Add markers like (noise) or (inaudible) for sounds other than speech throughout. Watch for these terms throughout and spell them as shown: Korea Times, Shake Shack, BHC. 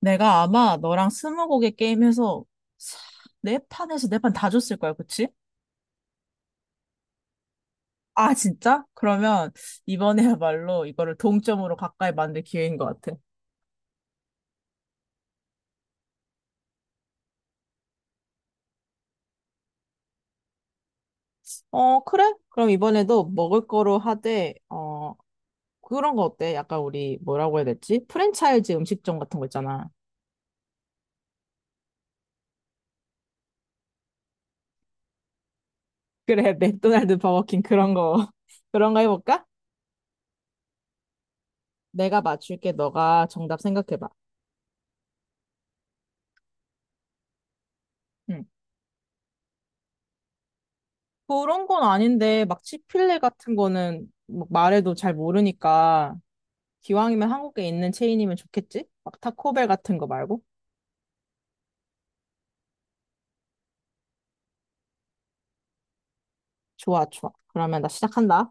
내가 아마 너랑 스무고개 게임해서 사- 네 판에서 네 판 다 줬을 거야, 그치? 아, 진짜? 그러면 이번에야말로 이거를 동점으로 가까이 만들 기회인 것 같아. 어, 그래? 그럼 이번에도 먹을 거로 하되, 그런 거 어때? 약간 우리 뭐라고 해야 되지? 프랜차이즈 음식점 같은 거 있잖아. 그래, (laughs) 맥도날드, 버거킹 그런 거. (laughs) 그런 거 해볼까? 내가 맞출게. 너가 정답 생각해봐. 응. 그런 건 아닌데 막 치필레 같은 거는 막 말해도 잘 모르니까 기왕이면 한국에 있는 체인이면 좋겠지? 막 타코벨 같은 거 말고? 좋아, 좋아. 그러면 나 시작한다.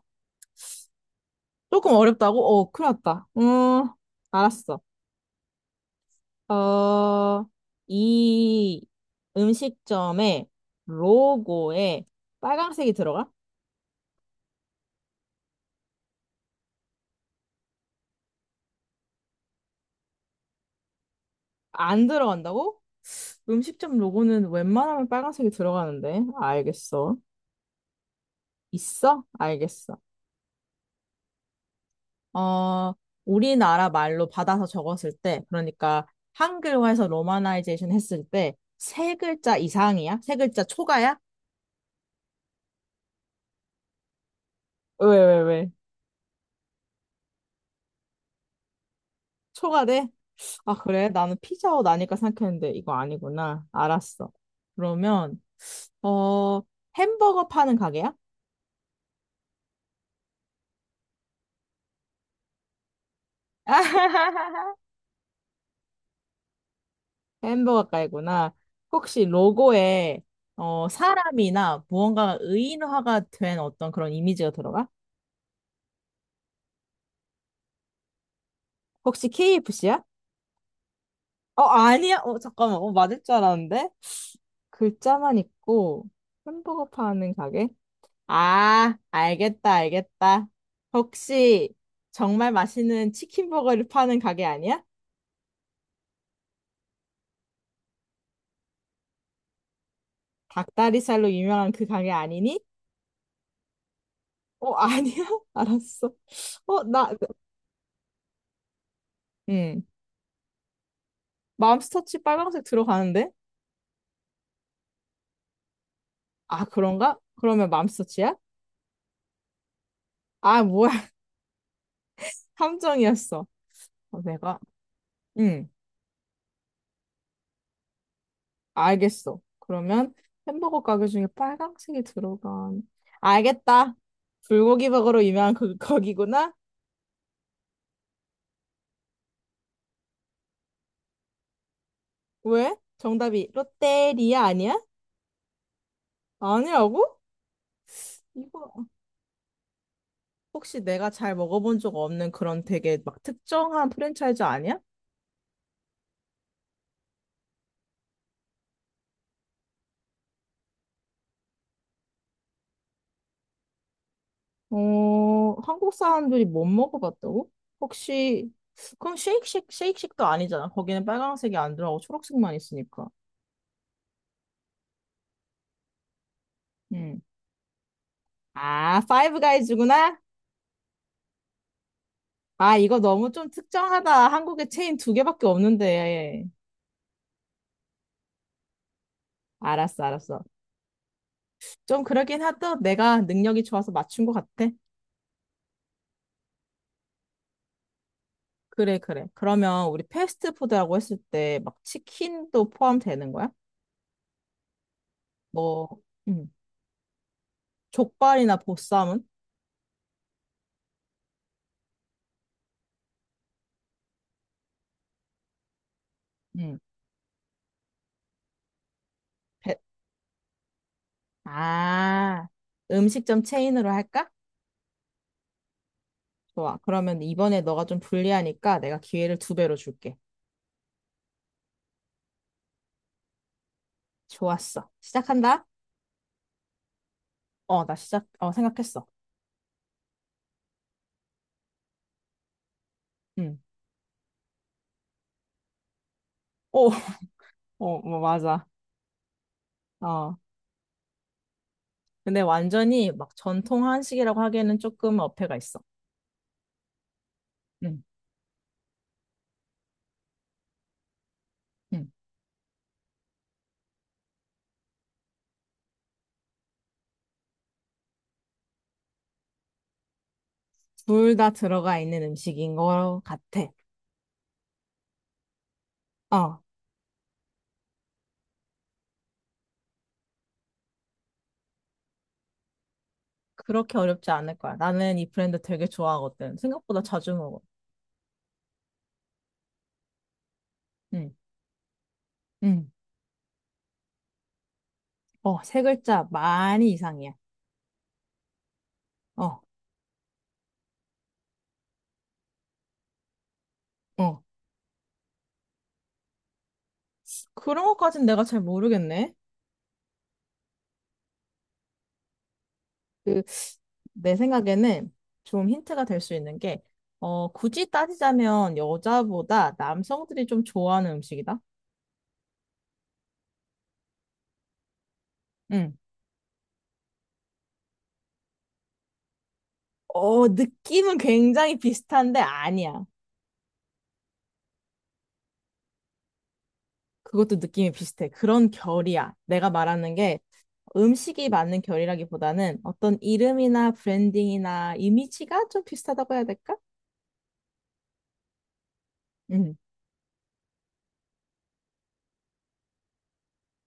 조금 어렵다고? 어, 큰일 났다. 알았어. 어, 이 음식점의 로고에 빨간색이 들어가? 안 들어간다고? 음식점 로고는 웬만하면 빨간색이 들어가는데. 알겠어. 있어? 알겠어. 어, 우리나라 말로 받아서 적었을 때, 그러니까 한글화해서 로마나이제이션 했을 때, 세 글자 이상이야? 세 글자 초과야? 왜, 왜, 왜? 초과돼? 아, 그래? 나는 피자헛 아닐까 생각했는데, 이거 아니구나. 알았어. 그러면, 어, 햄버거 파는 가게야? (laughs) 햄버거 가게구나. 혹시 로고에, 사람이나 무언가 의인화가 된 어떤 그런 이미지가 들어가? 혹시 KFC야? 어, 아니야? 어, 잠깐만. 어, 맞을 줄 알았는데? 글자만 있고 햄버거 파는 가게? 아, 알겠다, 알겠다. 혹시 정말 맛있는 치킨버거를 파는 가게 아니야? 닭다리살로 유명한 그 가게 아니니? 어, 아니야? (laughs) 알았어. 어, 나, 음 맘스터치 빨강색 들어가는데? 아, 그런가? 그러면 맘스터치야? 아, 뭐야. (laughs) 함정이었어. 어, 내가, 응. 알겠어. 그러면 햄버거 가게 중에 빨강색이 들어간. 알겠다. 불고기 버거로 유명한 그 거기구나. 왜? 정답이 롯데리아 아니야? 아니라고? 이거 혹시 내가 잘 먹어본 적 없는 그런 되게 막 특정한 프랜차이즈 아니야? 어, 한국 사람들이 못 먹어봤다고? 혹시 그럼 쉐이크쉑도 아니잖아. 거기는 빨강색이 안 들어가고 초록색만 있으니까. 음. 아, 파이브 가이즈구나. 아, 이거 너무 좀 특정하다. 한국에 체인 두 개밖에 없는데. 알았어, 알았어. 좀 그러긴 하다. 내가 능력이 좋아서 맞춘 것 같아. 그래, 그래. 그러면 우리 패스트푸드라고 했을 때 막 치킨도 포함되는 거야? 뭐, 음, 족발이나 보쌈은? 음, 배- 아, 음식점 체인으로 할까? 좋아. 그러면 이번에 너가 좀 불리하니까 내가 기회를 두 배로 줄게. 좋았어. 시작한다? 생각했어. 음. 오, (laughs) 어, 뭐, 맞아. 어. 근데 완전히 막 전통 한식이라고 하기에는 조금 어폐가 있어. 응, 응. 둘 다 들어가 있는 음식인 것 같아. 어, 그렇게 어렵지 않을 거야. 나는 이 브랜드 되게 좋아하거든. 생각보다 자주 먹어. 응, 응. 어, 세 글자 많이 이상이야. 어, 어. 그런 것까진 내가 잘 모르겠네. 그, 내 생각에는 좀 힌트가 될 수 있는 게, 어, 굳이 따지자면 여자보다 남성들이 좀 좋아하는 음식이다. 응. 어, 느낌은 굉장히 비슷한데 아니야. 그것도 느낌이 비슷해. 그런 결이야. 내가 말하는 게 음식이 맞는 결이라기보다는 어떤 이름이나 브랜딩이나 이미지가 좀 비슷하다고 해야 될까? 응,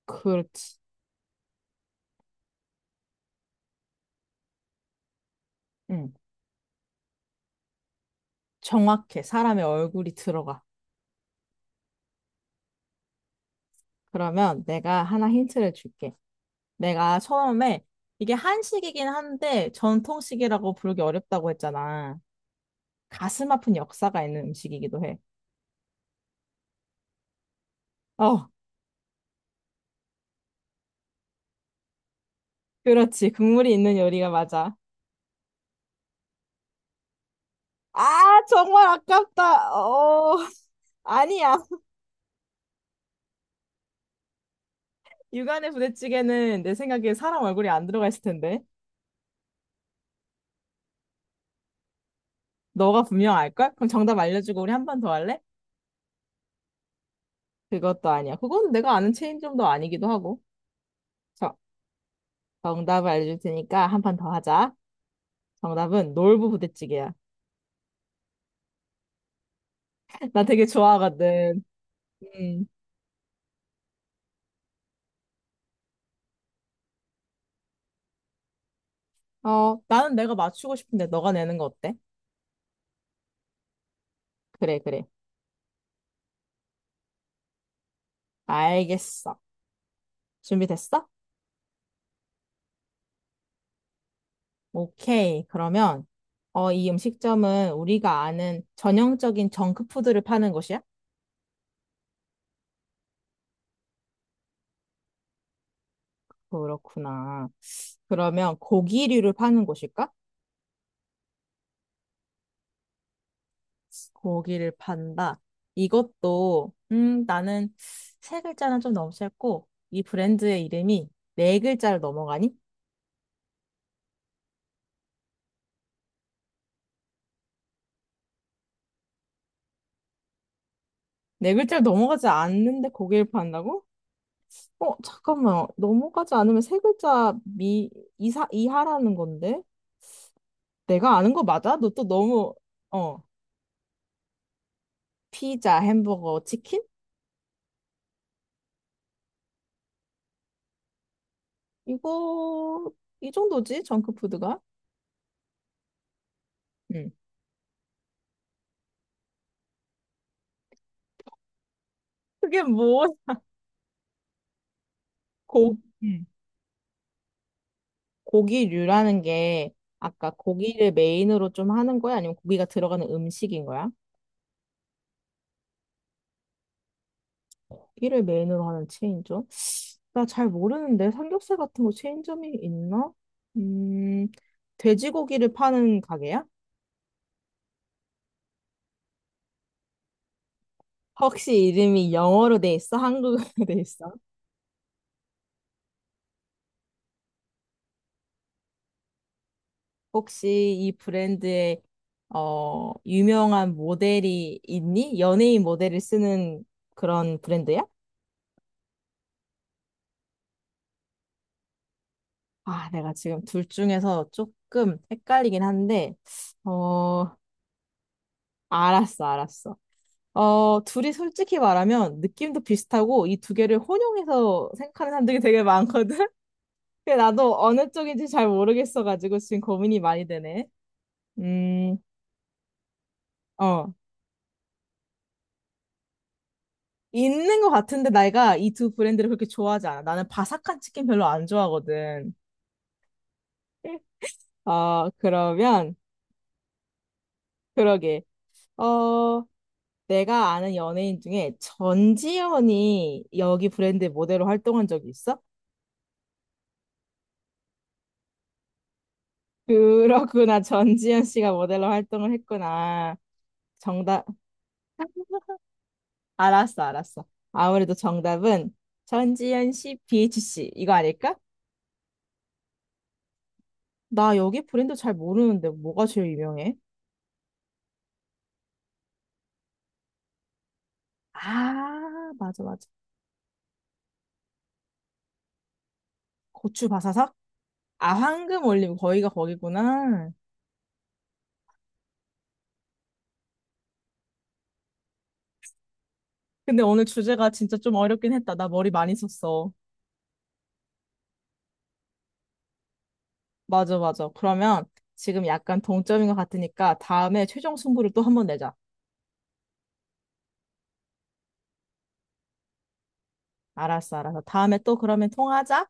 그렇지. 응, 정확해. 사람의 얼굴이 들어가. 그러면 내가 하나 힌트를 줄게. 내가 처음에 이게 한식이긴 한데 전통식이라고 부르기 어렵다고 했잖아. 가슴 아픈 역사가 있는 음식이기도 해. 어, 그렇지. 국물이 있는 요리가 맞아. 아, 정말 아깝다. 아니야. 육안의 부대찌개는 내 생각에 사람 얼굴이 안 들어가 있을 텐데. 너가 분명 알걸? 그럼 정답 알려주고 우리 한 번 더 할래? 그것도 아니야. 그건 내가 아는 체인점도 아니기도 하고. 자, 정답을 알려줄 테니까 한 판 더 하자. 정답은 놀부 부대찌개야. (laughs) 나 되게 좋아하거든. 음. 어, 나는 내가 맞추고 싶은데 너가 내는 거 어때? 그래, 그래. 알겠어. 준비됐어? 오케이. 그러면, 어, 이 음식점은 우리가 아는 전형적인 정크푸드를 파는 곳이야? 그렇구나. 그러면 고기류를 파는 곳일까? 고기를 판다. 이것도, 나는 세 글자는 좀 너무 짧고, 이 브랜드의 이름이 네 글자를 넘어가니? 네 글자를 넘어가지 않는데 고기를 판다고? 어, 잠깐만. 넘어가지 않으면 세 글자 이하라는 건데? 내가 아는 거 맞아? 너 또 너무, 어. 피자, 햄버거, 치킨? 이거, 이 정도지, 정크푸드가? 음. 그게 뭐, 고, 음. 고기류라는 게, 아까 고기를 메인으로 좀 하는 거야? 아니면 고기가 들어가는 음식인 거야? 고기를 메인으로 하는 체인점? 나 잘 모르는데, 삼겹살 같은 거 체인점이 있나? 음, 돼지고기를 파는 가게야? 혹시 이름이 영어로 돼 있어? 한국어로 돼 있어? 혹시 이 브랜드에 어, 유명한 모델이 있니? 연예인 모델을 쓰는 그런 브랜드야? 아, 내가 지금 둘 중에서 조금 헷갈리긴 한데, 어, 알았어, 알았어. 어, 둘이 솔직히 말하면 느낌도 비슷하고 이 두 개를 혼용해서 생각하는 사람들이 되게 많거든? (laughs) 근데 나도 어느 쪽인지 잘 모르겠어가지고 지금 고민이 많이 되네. 음, 어. 있는 것 같은데 내가 이 두 브랜드를 그렇게 좋아하지 않아. 나는 바삭한 치킨 별로 안 좋아하거든. 아, 그러면 그러게. 어, 내가 아는 연예인 중에 전지현이 여기 브랜드 모델로 활동한 적이 있어? (laughs) 그렇구나. 전지현 씨가 모델로 활동을 했구나. 정답. (laughs) 알았어, 알았어. 아무래도 정답은 전지현 씨, BHC 이거 아닐까? 나 여기 브랜드 잘 모르는데 뭐가 제일 유명해? 아, 맞아, 맞아. 고추 바사삭? 아, 황금 올림 거기가 거기구나. 근데 오늘 주제가 진짜 좀 어렵긴 했다. 나 머리 많이 썼어. 맞아, 맞아. 그러면 지금 약간 동점인 것 같으니까 다음에 최종 승부를 또 한번 내자. 알았어, 알았어. 다음에 또 그러면 통화하자.